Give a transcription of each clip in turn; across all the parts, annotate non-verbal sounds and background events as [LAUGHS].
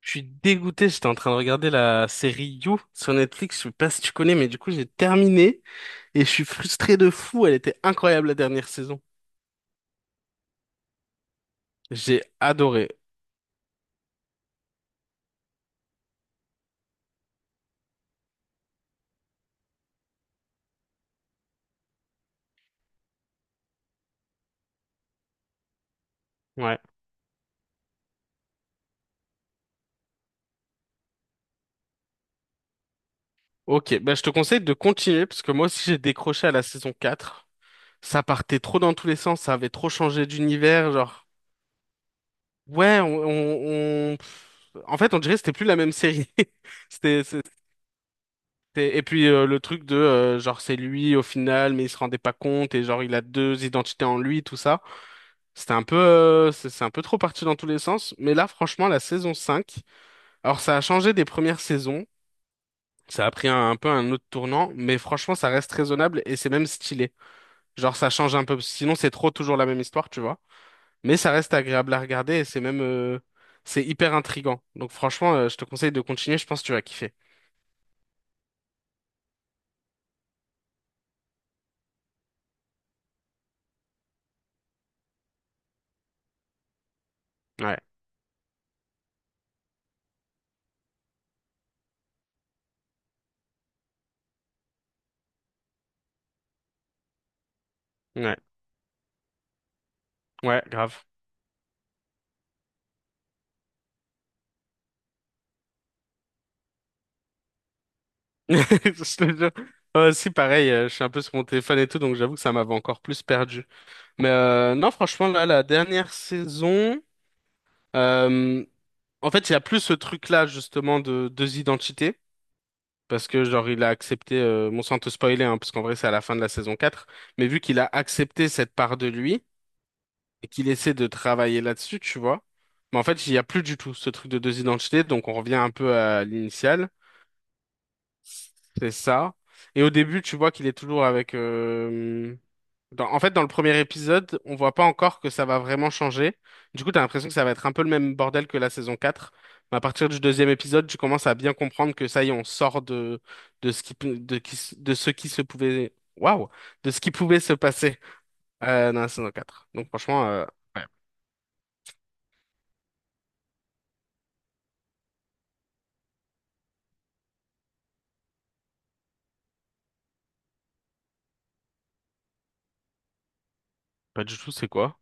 Je suis dégoûté, j'étais en train de regarder la série You sur Netflix, je sais pas si tu connais, mais du coup j'ai terminé et je suis frustré de fou, elle était incroyable la dernière saison. J'ai adoré. Ouais. Ok, bah je te conseille de continuer parce que moi aussi j'ai décroché à la saison 4. Ça partait trop dans tous les sens, ça avait trop changé d'univers, genre ouais, en fait on dirait que c'était plus la même série. [LAUGHS] C'était, et, et puis le truc de genre c'est lui au final, mais il se rendait pas compte et genre il a deux identités en lui, tout ça. C'était un peu, c'est un peu trop parti dans tous les sens. Mais là, franchement, la saison cinq, alors ça a changé des premières saisons. Ça a pris un peu un autre tournant, mais franchement, ça reste raisonnable et c'est même stylé. Genre, ça change un peu. Sinon, c'est trop toujours la même histoire, tu vois. Mais ça reste agréable à regarder et c'est même, c'est hyper intriguant. Donc, franchement, je te conseille de continuer. Je pense que tu vas kiffer. Ouais, ouais, ouais, grave. [LAUGHS] Je te jure. Ouais, si, pareil, je suis un peu sur mon téléphone et tout, donc j'avoue que ça m'avait encore plus perdu. Mais non, franchement, là, la dernière saison, euh, en fait, il y a plus ce truc-là, justement, de deux identités. Parce que, genre, il a accepté, bon, sans te spoiler, hein, parce qu'en vrai, c'est à la fin de la saison quatre, mais vu qu'il a accepté cette part de lui et qu'il essaie de travailler là-dessus, tu vois. Mais en fait, il n'y a plus du tout ce truc de deux identités, donc on revient un peu à l'initiale, c'est ça. Et au début, tu vois qu'il est toujours avec... en fait, dans le premier épisode, on voit pas encore que ça va vraiment changer. Du coup, t'as l'impression que ça va être un peu le même bordel que la saison 4. Mais à partir du deuxième épisode, tu commences à bien comprendre que ça y est, on sort de ce qui, peut- de, qui s- de ce qui se pouvait, waouh, de ce qui pouvait se passer, dans la saison quatre. Donc, franchement, ouais, pas du tout, c'est quoi?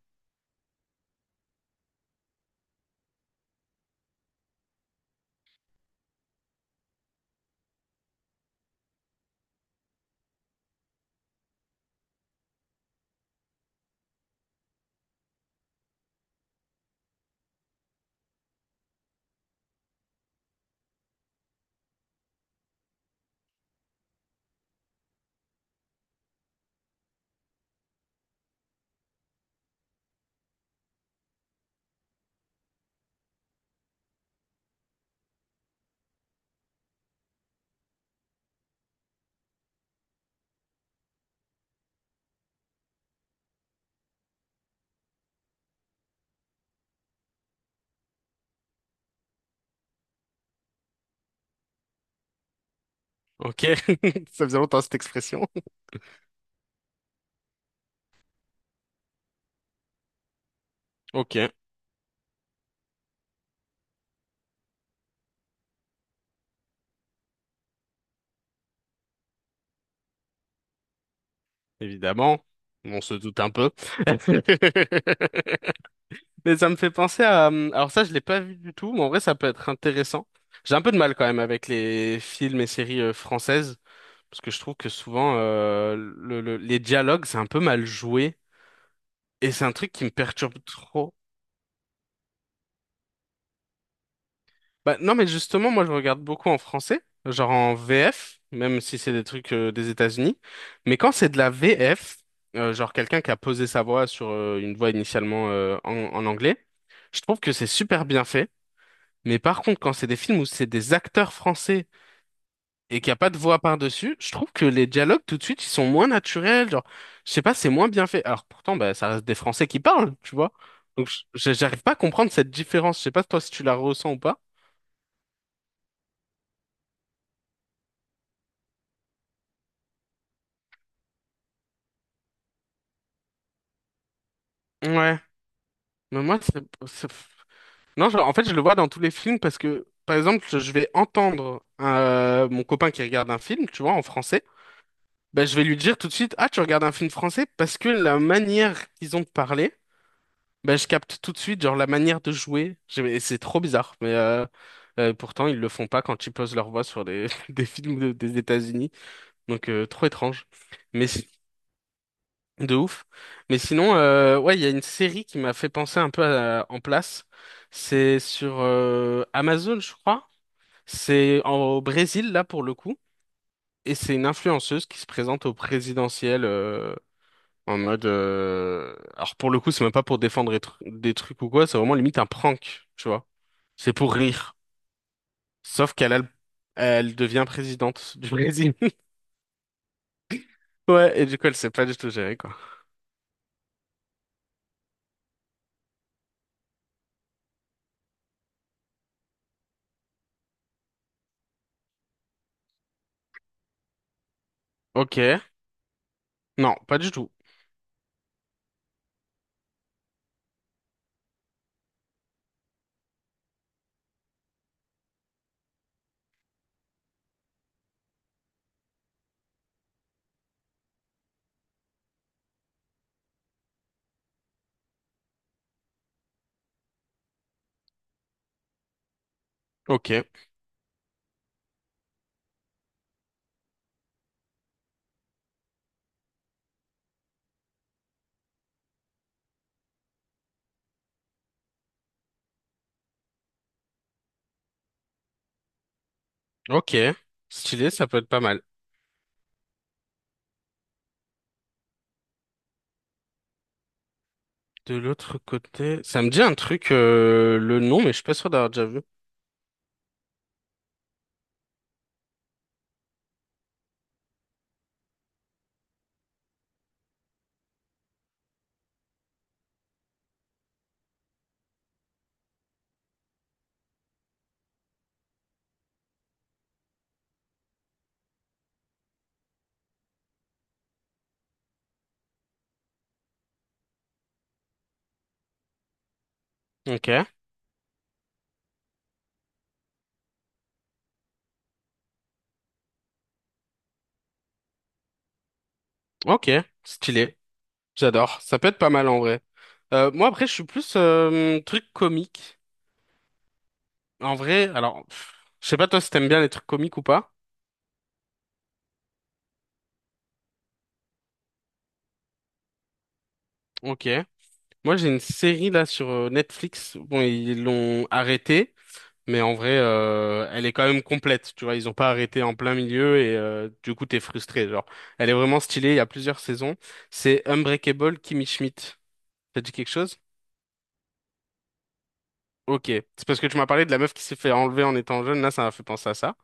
Ok. [LAUGHS] Ça faisait longtemps cette expression. Ok, évidemment. On se doute un peu. [LAUGHS] Mais ça me fait penser à... Alors ça, je l'ai pas vu du tout, mais en vrai, ça peut être intéressant. J'ai un peu de mal quand même avec les films et séries françaises, parce que je trouve que souvent, les dialogues, c'est un peu mal joué, et c'est un truc qui me perturbe trop. Bah, non, mais justement, moi, je regarde beaucoup en français, genre en VF, même si c'est des trucs des États-Unis. Mais quand c'est de la VF, genre quelqu'un qui a posé sa voix sur une voix initialement en anglais, je trouve que c'est super bien fait. Mais par contre, quand c'est des films où c'est des acteurs français et qu'il n'y a pas de voix par-dessus, je trouve que les dialogues, tout de suite, ils sont moins naturels. Genre, je sais pas, c'est moins bien fait. Alors pourtant, bah, ça reste des Français qui parlent, tu vois. Donc, j'arrive pas à comprendre cette différence. Je sais pas toi si tu la ressens ou pas. Ouais. Mais moi, Non, genre, en fait, je le vois dans tous les films parce que, par exemple, je vais entendre mon copain qui regarde un film, tu vois, en français. Ben je vais lui dire tout de suite, ah, tu regardes un film français parce que la manière qu'ils ont de parler, ben, je capte tout de suite, genre la manière de jouer. C'est trop bizarre, mais pourtant ils le font pas quand ils posent leur voix sur des, [LAUGHS] des États-Unis. Donc trop étrange, mais si- de ouf. Mais sinon, ouais, il y a une série qui m'a fait penser un peu à En Place. C'est sur Amazon, je crois. Au Brésil là pour le coup, et c'est une influenceuse qui se présente au présidentiel en mode, alors pour le coup, c'est même pas pour défendre des trucs ou quoi, c'est vraiment limite un prank, tu vois. C'est pour rire. Sauf qu'elle a le- Elle devient présidente du Brésil. [LAUGHS] Ouais, et du coup, elle sait pas du tout gérer, quoi. Ok. Non, pas du tout. Ok. Ok. Stylé, ça peut être pas mal. De l'autre côté, ça me dit un truc, le nom, mais je suis pas sûr d'avoir déjà vu. Ok. Ok. Stylé. J'adore. Ça peut être pas mal en vrai. Moi, après, je suis plus truc comique. En vrai, alors, pff, je sais pas toi si t'aimes bien les trucs comiques ou pas. Ok. Moi, j'ai une série là sur Netflix. Bon, ils l'ont arrêtée, mais en vrai, elle est quand même complète. Tu vois, ils ont pas arrêté en plein milieu et du coup, t'es frustré. Genre, elle est vraiment stylée. Il y a plusieurs saisons. C'est Unbreakable Kimmy Schmidt. Ça te dit quelque chose? Ok. C'est parce que tu m'as parlé de la meuf qui s'est fait enlever en étant jeune. Là, ça m'a fait penser à ça.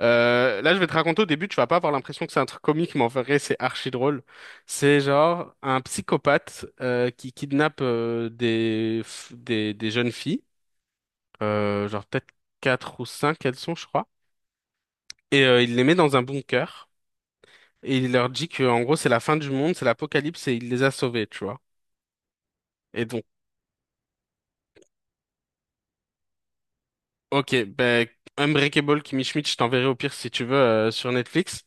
Là, je vais te raconter au début, tu vas pas avoir l'impression que c'est un truc comique, mais en vrai, c'est archi drôle. C'est genre un psychopathe qui kidnappe des, jeunes filles, genre peut-être quatre ou cinq elles sont, je crois, et il les met dans un bunker et il leur dit que en gros c'est la fin du monde, c'est l'apocalypse et il les a sauvées, tu vois. Et donc, ok, ben Unbreakable Kimmy Schmidt, je t'enverrai au pire si tu veux sur Netflix.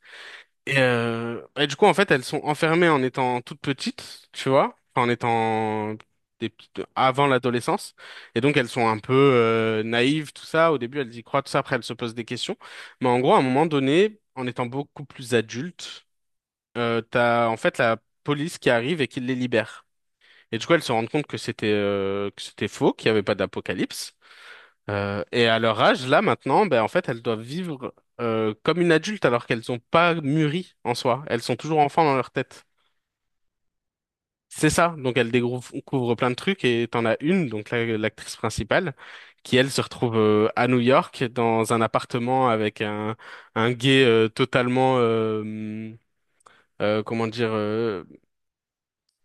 Et du coup, en fait, elles sont enfermées en étant toutes petites, tu vois, enfin, en étant des petites avant l'adolescence. Et donc, elles sont un peu naïves, tout ça. Au début, elles y croient, tout ça. Après, elles se posent des questions. Mais en gros, à un moment donné, en étant beaucoup plus adultes, t'as en fait la police qui arrive et qui les libère. Et du coup, elles se rendent compte que c'était faux, qu'il n'y avait pas d'apocalypse. Et à leur âge, là maintenant, ben, en fait, elles doivent vivre comme une adulte alors qu'elles n'ont pas mûri en soi. Elles sont toujours enfants dans leur tête. C'est ça. Donc elles découvrent plein de trucs et t'en as une, l'actrice principale, qui elle se retrouve à New York dans un appartement avec un gay totalement, euh, comment dire, euh,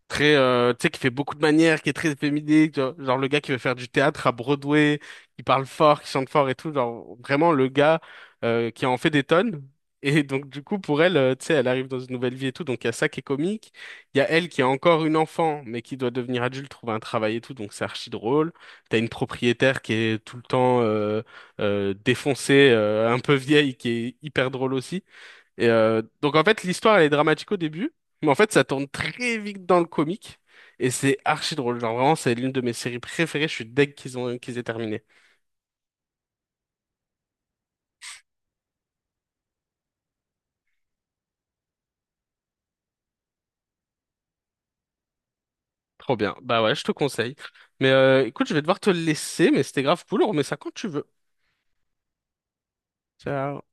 très tu sais qui fait beaucoup de manières qui est très efféminé tu vois. Genre le gars qui veut faire du théâtre à Broadway qui parle fort qui chante fort et tout genre vraiment le gars qui en fait des tonnes et donc du coup pour elle tu sais elle arrive dans une nouvelle vie et tout donc il y a ça qui est comique, il y a elle qui est encore une enfant mais qui doit devenir adulte trouver un travail et tout donc c'est archi drôle, t'as une propriétaire qui est tout le temps défoncée un peu vieille qui est hyper drôle aussi et donc en fait, l'histoire elle est dramatique au début, mais en fait ça tourne très vite dans le comique et c'est archi drôle. Genre vraiment, c'est l'une de mes séries préférées. Je suis deg qu'ils aient terminé. Trop bien. Bah ouais, je te conseille. Mais écoute, je vais devoir te laisser, mais c'était grave cool. On remet ça quand tu veux. Ciao.